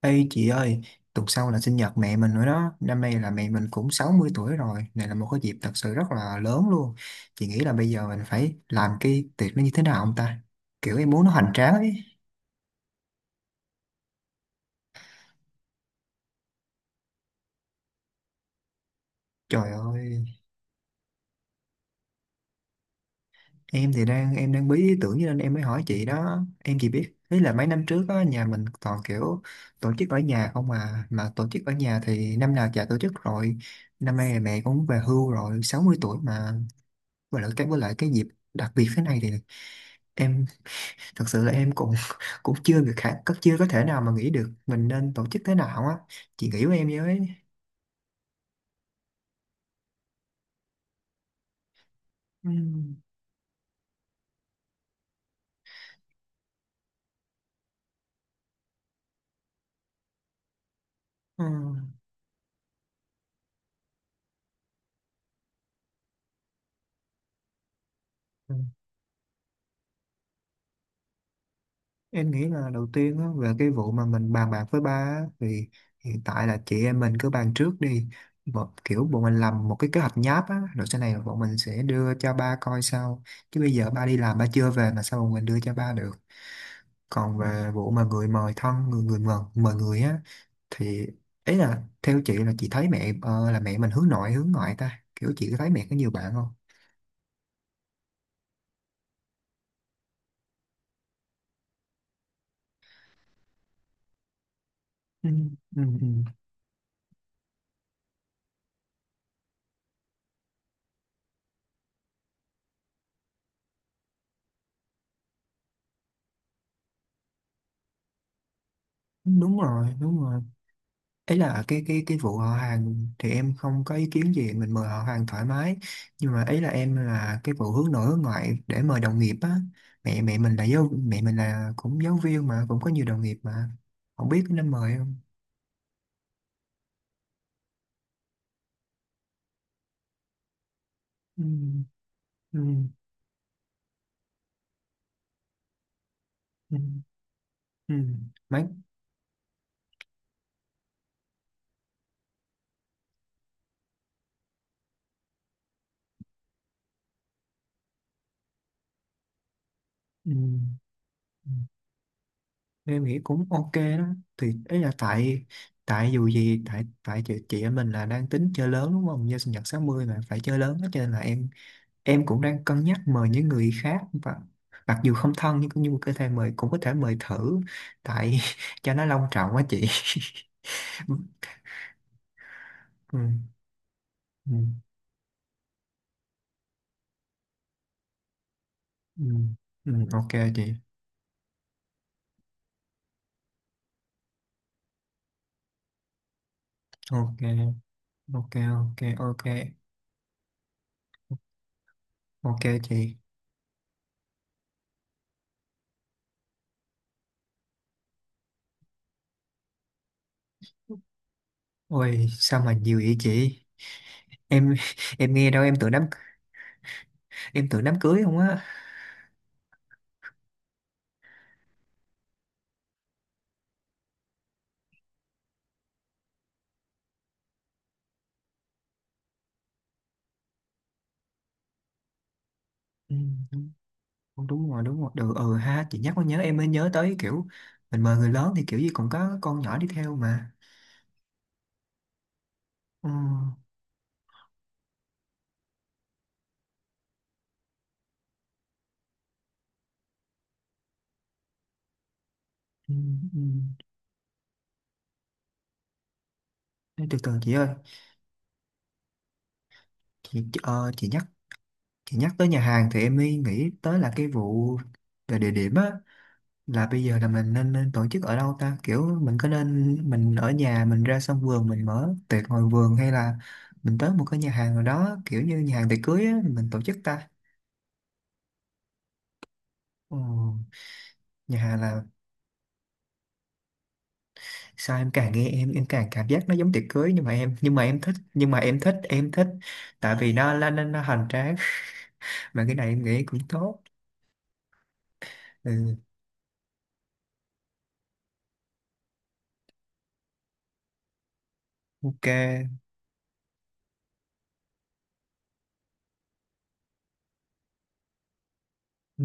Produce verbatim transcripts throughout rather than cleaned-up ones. Ê chị ơi, tuần sau là sinh nhật mẹ mình nữa đó. Năm nay là mẹ mình cũng sáu mươi tuổi rồi. Này là một cái dịp thật sự rất là lớn luôn. Chị nghĩ là bây giờ mình phải làm cái tiệc nó như thế nào không ta? Kiểu em muốn nó hoành tráng ấy. Trời ơi, em thì đang em đang bí ý tưởng cho nên em mới hỏi chị đó. Em chỉ biết, ý là mấy năm trước á, nhà mình toàn kiểu tổ chức ở nhà không mà. Mà tổ chức ở nhà thì năm nào chả tổ chức rồi. Năm nay là mẹ cũng về hưu rồi, sáu mươi tuổi mà. Và lại cái với lại cái dịp đặc biệt thế này thì em thật sự là em cũng cũng chưa được khả, có- chưa có thể nào mà nghĩ được mình nên tổ chức thế nào á chị nghĩ với em với. Ừm, ừm, ừm. Em nghĩ là đầu tiên á, về cái vụ mà mình bàn bạc với ba á, thì hiện tại là chị em mình cứ bàn trước đi, một kiểu bọn mình làm một cái kế hoạch nháp á rồi sau này bọn mình sẽ đưa cho ba coi sau, chứ bây giờ ba đi làm ba chưa về mà sao bọn mình đưa cho ba được. Còn về vụ mà người mời thân người người mời mời người á, thì ấy là theo chị, là chị thấy mẹ ờ, là mẹ mình hướng nội hướng ngoại ta, kiểu chị có thấy mẹ có nhiều bạn không? Ừ, ừ, ừ. Đúng rồi, đúng rồi. Ấy là cái cái cái vụ họ hàng thì em không có ý kiến gì, mình mời họ hàng thoải mái, nhưng mà ấy là em là cái vụ hướng nội hướng ngoại để mời đồng nghiệp á. Mẹ mẹ mình là giáo mẹ mình là cũng giáo viên mà cũng có nhiều đồng nghiệp mà, không biết có nên mời không. Ừ, ừ, ừ, ừ. Mấy. Ừ. Ừ. Em nghĩ cũng ok đó, thì ấy là tại tại dù gì tại tại chị, chị em mình là đang tính chơi lớn đúng không, nhân sinh nhật sáu mươi mà phải chơi lớn đó, cho nên là em em cũng đang cân nhắc mời những người khác, và mặc dù không thân nhưng cũng như có thể mời, cũng có thể mời thử. Tại cho nó long trọng quá chị. Ừ, ừ, ừ, ừ, ok chị. Ok ok ok ok ok chị. Ôi sao mà nhiều vậy chị, em em nghe đâu em tưởng đám, em tưởng đám cưới không á. Ừ, đúng đúng rồi, đúng rồi. Ừ, ừ ha chị nhắc mới nhớ em mới nhớ tới, kiểu mình mời người lớn thì kiểu gì cũng có con nhỏ đi theo mà. Ừ, ừ, ừ. Ê, từ từ chị ơi, chị chị- ờ, chị nhắc chị nhắc tới nhà hàng thì em mới nghĩ tới là cái vụ về địa điểm á, là bây giờ là mình nên, nên tổ chức ở đâu ta, kiểu mình có nên mình ở nhà mình ra sân vườn mình mở tiệc ngoài vườn, hay là mình tới một cái nhà hàng nào đó kiểu như nhà hàng tiệc cưới á mình tổ chức ta. Ừ. Nhà hàng là sao em càng nghe em em càng cảm giác nó giống tiệc cưới, nhưng mà em nhưng mà em thích, nhưng mà em thích em thích tại vì nó nó nó, nó hoành tráng. Mà cái này em nghĩ cũng tốt. Ừ, ok. Ừ,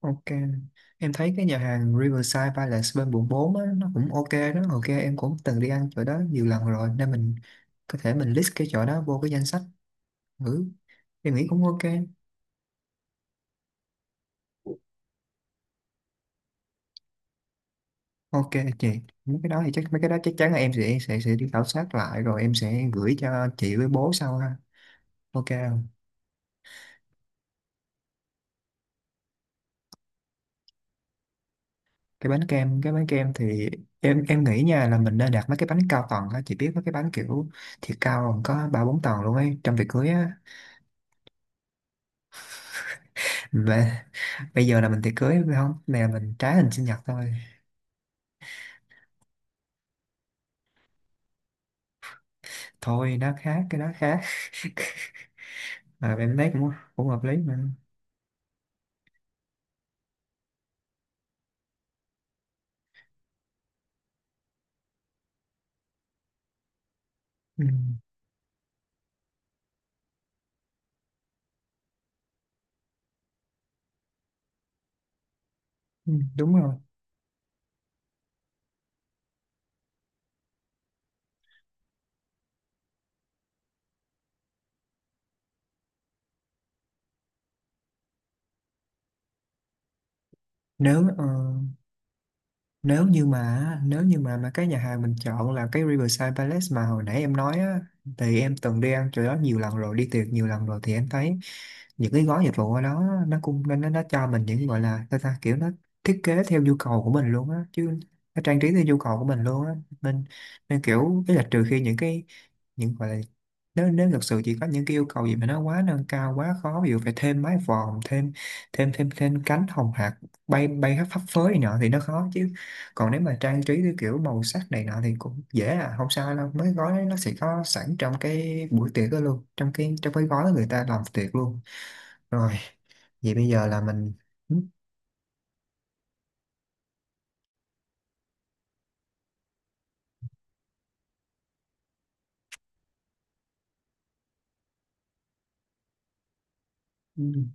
ok. Em thấy cái nhà hàng Riverside Palace bên quận bốn á, nó cũng ok đó, ok, em cũng từng đi ăn chỗ đó nhiều lần rồi nên mình có thể mình list cái chỗ đó vô cái danh sách thử, em nghĩ cũng ok. Ok chị. Mấy cái đó thì chắc mấy cái đó chắc chắn là em sẽ sẽ sẽ đi khảo sát lại rồi em sẽ gửi cho chị với bố sau ha. Ok, không? Cái bánh kem, cái bánh kem thì em em nghĩ nha, là mình nên đặt mấy cái bánh cao tầng á, chị biết mấy cái bánh kiểu thiệt cao còn có ba bốn tầng luôn ấy trong tiệc cưới á. Mà bây giờ là mình tiệc cưới phải không? Nè mình trái hình sinh nhật thôi. Thôi nó khác, cái đó khác. À, em thấy cũng cũng hợp lý mà. Ừ, ừ, đúng rồi. Nếu ờ, nếu như mà nếu như mà mà cái nhà hàng mình chọn là cái Riverside Palace mà hồi nãy em nói á, thì em từng đi ăn chỗ đó nhiều lần rồi, đi tiệc nhiều lần rồi, thì em thấy những cái gói dịch vụ ở đó, nó cũng nó nó nó cho mình những gọi là sao ta, kiểu nó thiết kế theo nhu cầu của mình luôn á, chứ nó trang trí theo nhu cầu của mình luôn á, nên nên kiểu cái là trừ khi những cái, những gọi là, nếu nếu thực sự chỉ có những cái yêu cầu gì mà nó quá nâng cao quá khó, ví dụ phải thêm mái vòm, thêm thêm thêm thêm cánh hồng hạc bay bay khắp phấp phới này nọ thì nó khó chứ, còn nếu mà trang trí theo kiểu màu sắc này nọ thì cũng dễ à, không sao đâu, mấy gói đấy nó sẽ có sẵn trong cái buổi tiệc đó luôn, trong cái trong cái gói người ta làm tiệc luôn. Rồi, vậy bây giờ là mình. Ừ, ừ,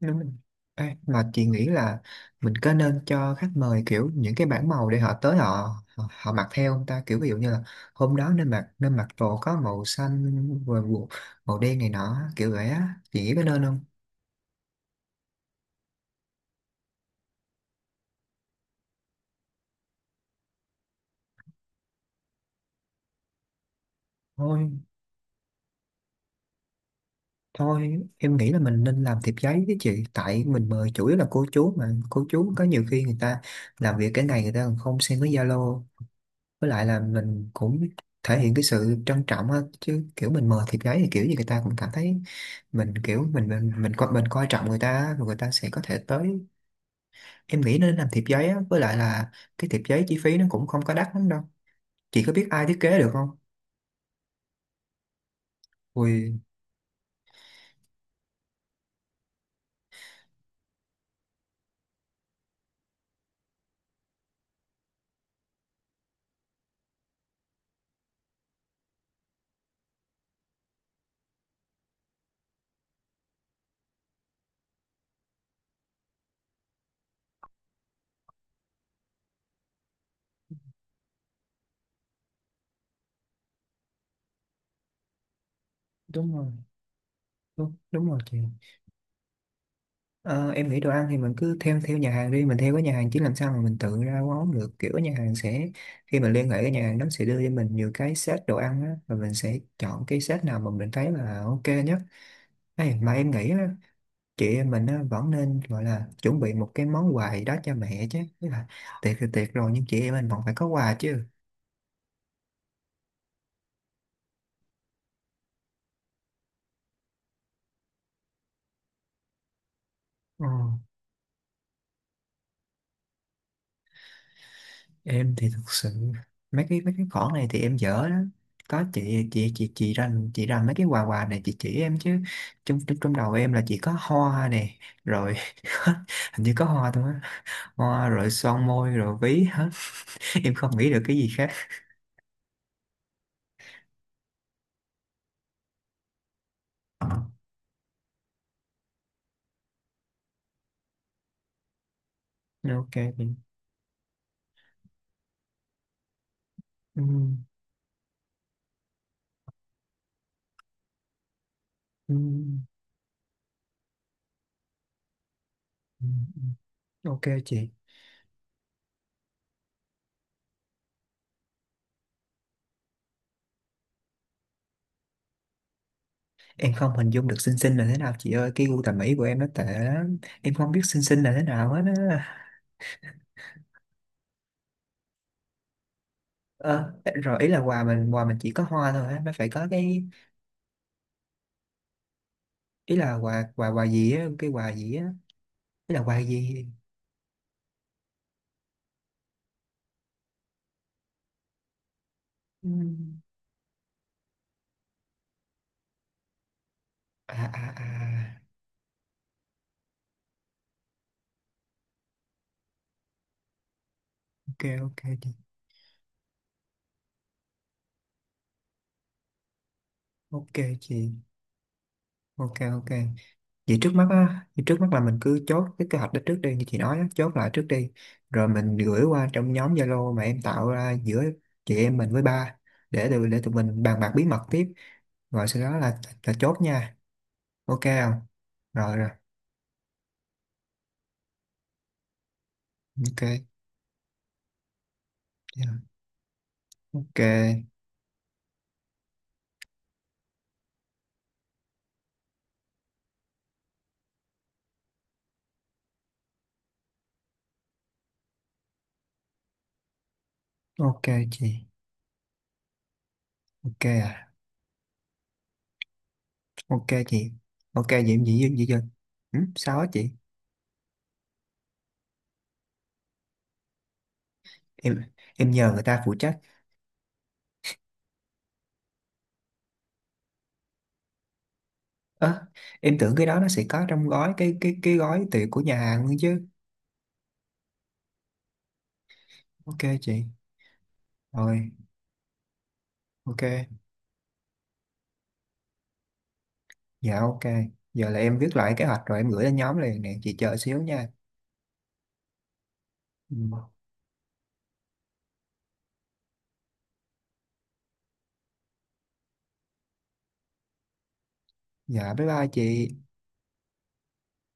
đúng rồi. Ê, mà chị nghĩ là mình có nên cho khách mời kiểu những cái bảng màu để họ tới họ họ, họ mặc theo không ta, kiểu ví dụ như là hôm đó nên mặc, nên mặc đồ có màu xanh, rồi màu màu đen này nọ kiểu vậy á, chị nghĩ có nên không? Thôi. Thôi em nghĩ là mình nên làm thiệp giấy với chị. Tại mình mời chủ yếu là cô chú mà, cô chú có nhiều khi người ta làm việc cái ngày, người ta còn không xem với Zalo. Với lại là mình cũng thể hiện cái sự trân trọng á, chứ kiểu mình mời thiệp giấy thì kiểu gì người ta cũng cảm thấy Mình kiểu mình mình mình, coi mình coi trọng người ta á, rồi người ta sẽ có thể tới. Em nghĩ nên làm thiệp giấy á, với lại là cái thiệp giấy chi phí nó cũng không có đắt lắm đâu. Chị có biết ai thiết kế được không? Ui, đúng rồi, đúng, đúng rồi chị. Ờ, em nghĩ đồ ăn thì mình cứ thêm theo nhà hàng đi, mình theo cái nhà hàng, chứ làm sao mà mình tự ra món được, kiểu nhà hàng sẽ, khi mình liên hệ cái nhà hàng đó sẽ đưa cho mình nhiều cái set đồ ăn á, và mình sẽ chọn cái set nào mà mình thấy là ok nhất. Ê, mà em nghĩ á, chị em mình á, vẫn nên gọi là chuẩn bị một cái món quà gì đó cho mẹ chứ. Tức là tiệc thì tiệc rồi, nhưng chị em mình vẫn phải có quà chứ. Ờ. Em thì thực sự mấy cái mấy cái khoản này thì em dở đó, có chị chị chị chị ra chị ra mấy cái quà quà này chị chỉ em chứ. Trong trong trong đầu em là chỉ có hoa này, rồi hình như có hoa thôi á, hoa rồi son môi rồi ví hết. Em không nghĩ được cái gì khác. Ok chị. Ừm, ừm, ừm, ừm. Ok chị. Em không hình dung được xinh xinh là thế nào chị ơi, cái gu thẩm mỹ của em nó tệ lắm, em không biết xinh xinh là thế nào hết á. Ờ, rồi ý là quà mình, quà mình chỉ có hoa thôi á, nó phải có cái, ý là quà quà quà gì á, cái quà gì á, ý là quà gì. Ừm. À à à, ok ok chị, ok chị, ok ok. Vậy trước mắt á, vậy trước mắt là mình cứ chốt cái kế hoạch đó trước đi như chị nói á, chốt lại trước đi, rồi mình gửi qua trong nhóm Zalo mà em tạo ra giữa chị em mình với ba, để tụi để tụi mình bàn bạc bí mật tiếp, rồi sau đó là là chốt nha, ok không? Rồi rồi, ok, dạ. Ok. Ok chị. Ok à. Ok chị. Ok vậy em gì gì dân. Ừ, sao á chị? em em nhờ người ta phụ trách. Ơ, em tưởng cái đó nó sẽ có trong gói cái cái cái gói tiệc của nhà hàng luôn chứ. Ok chị. Rồi. Ok. Dạ ok. Giờ là em viết lại kế hoạch rồi em gửi lên nhóm liền nè chị, chờ xíu nha. Ừ. Dạ bye bye chị.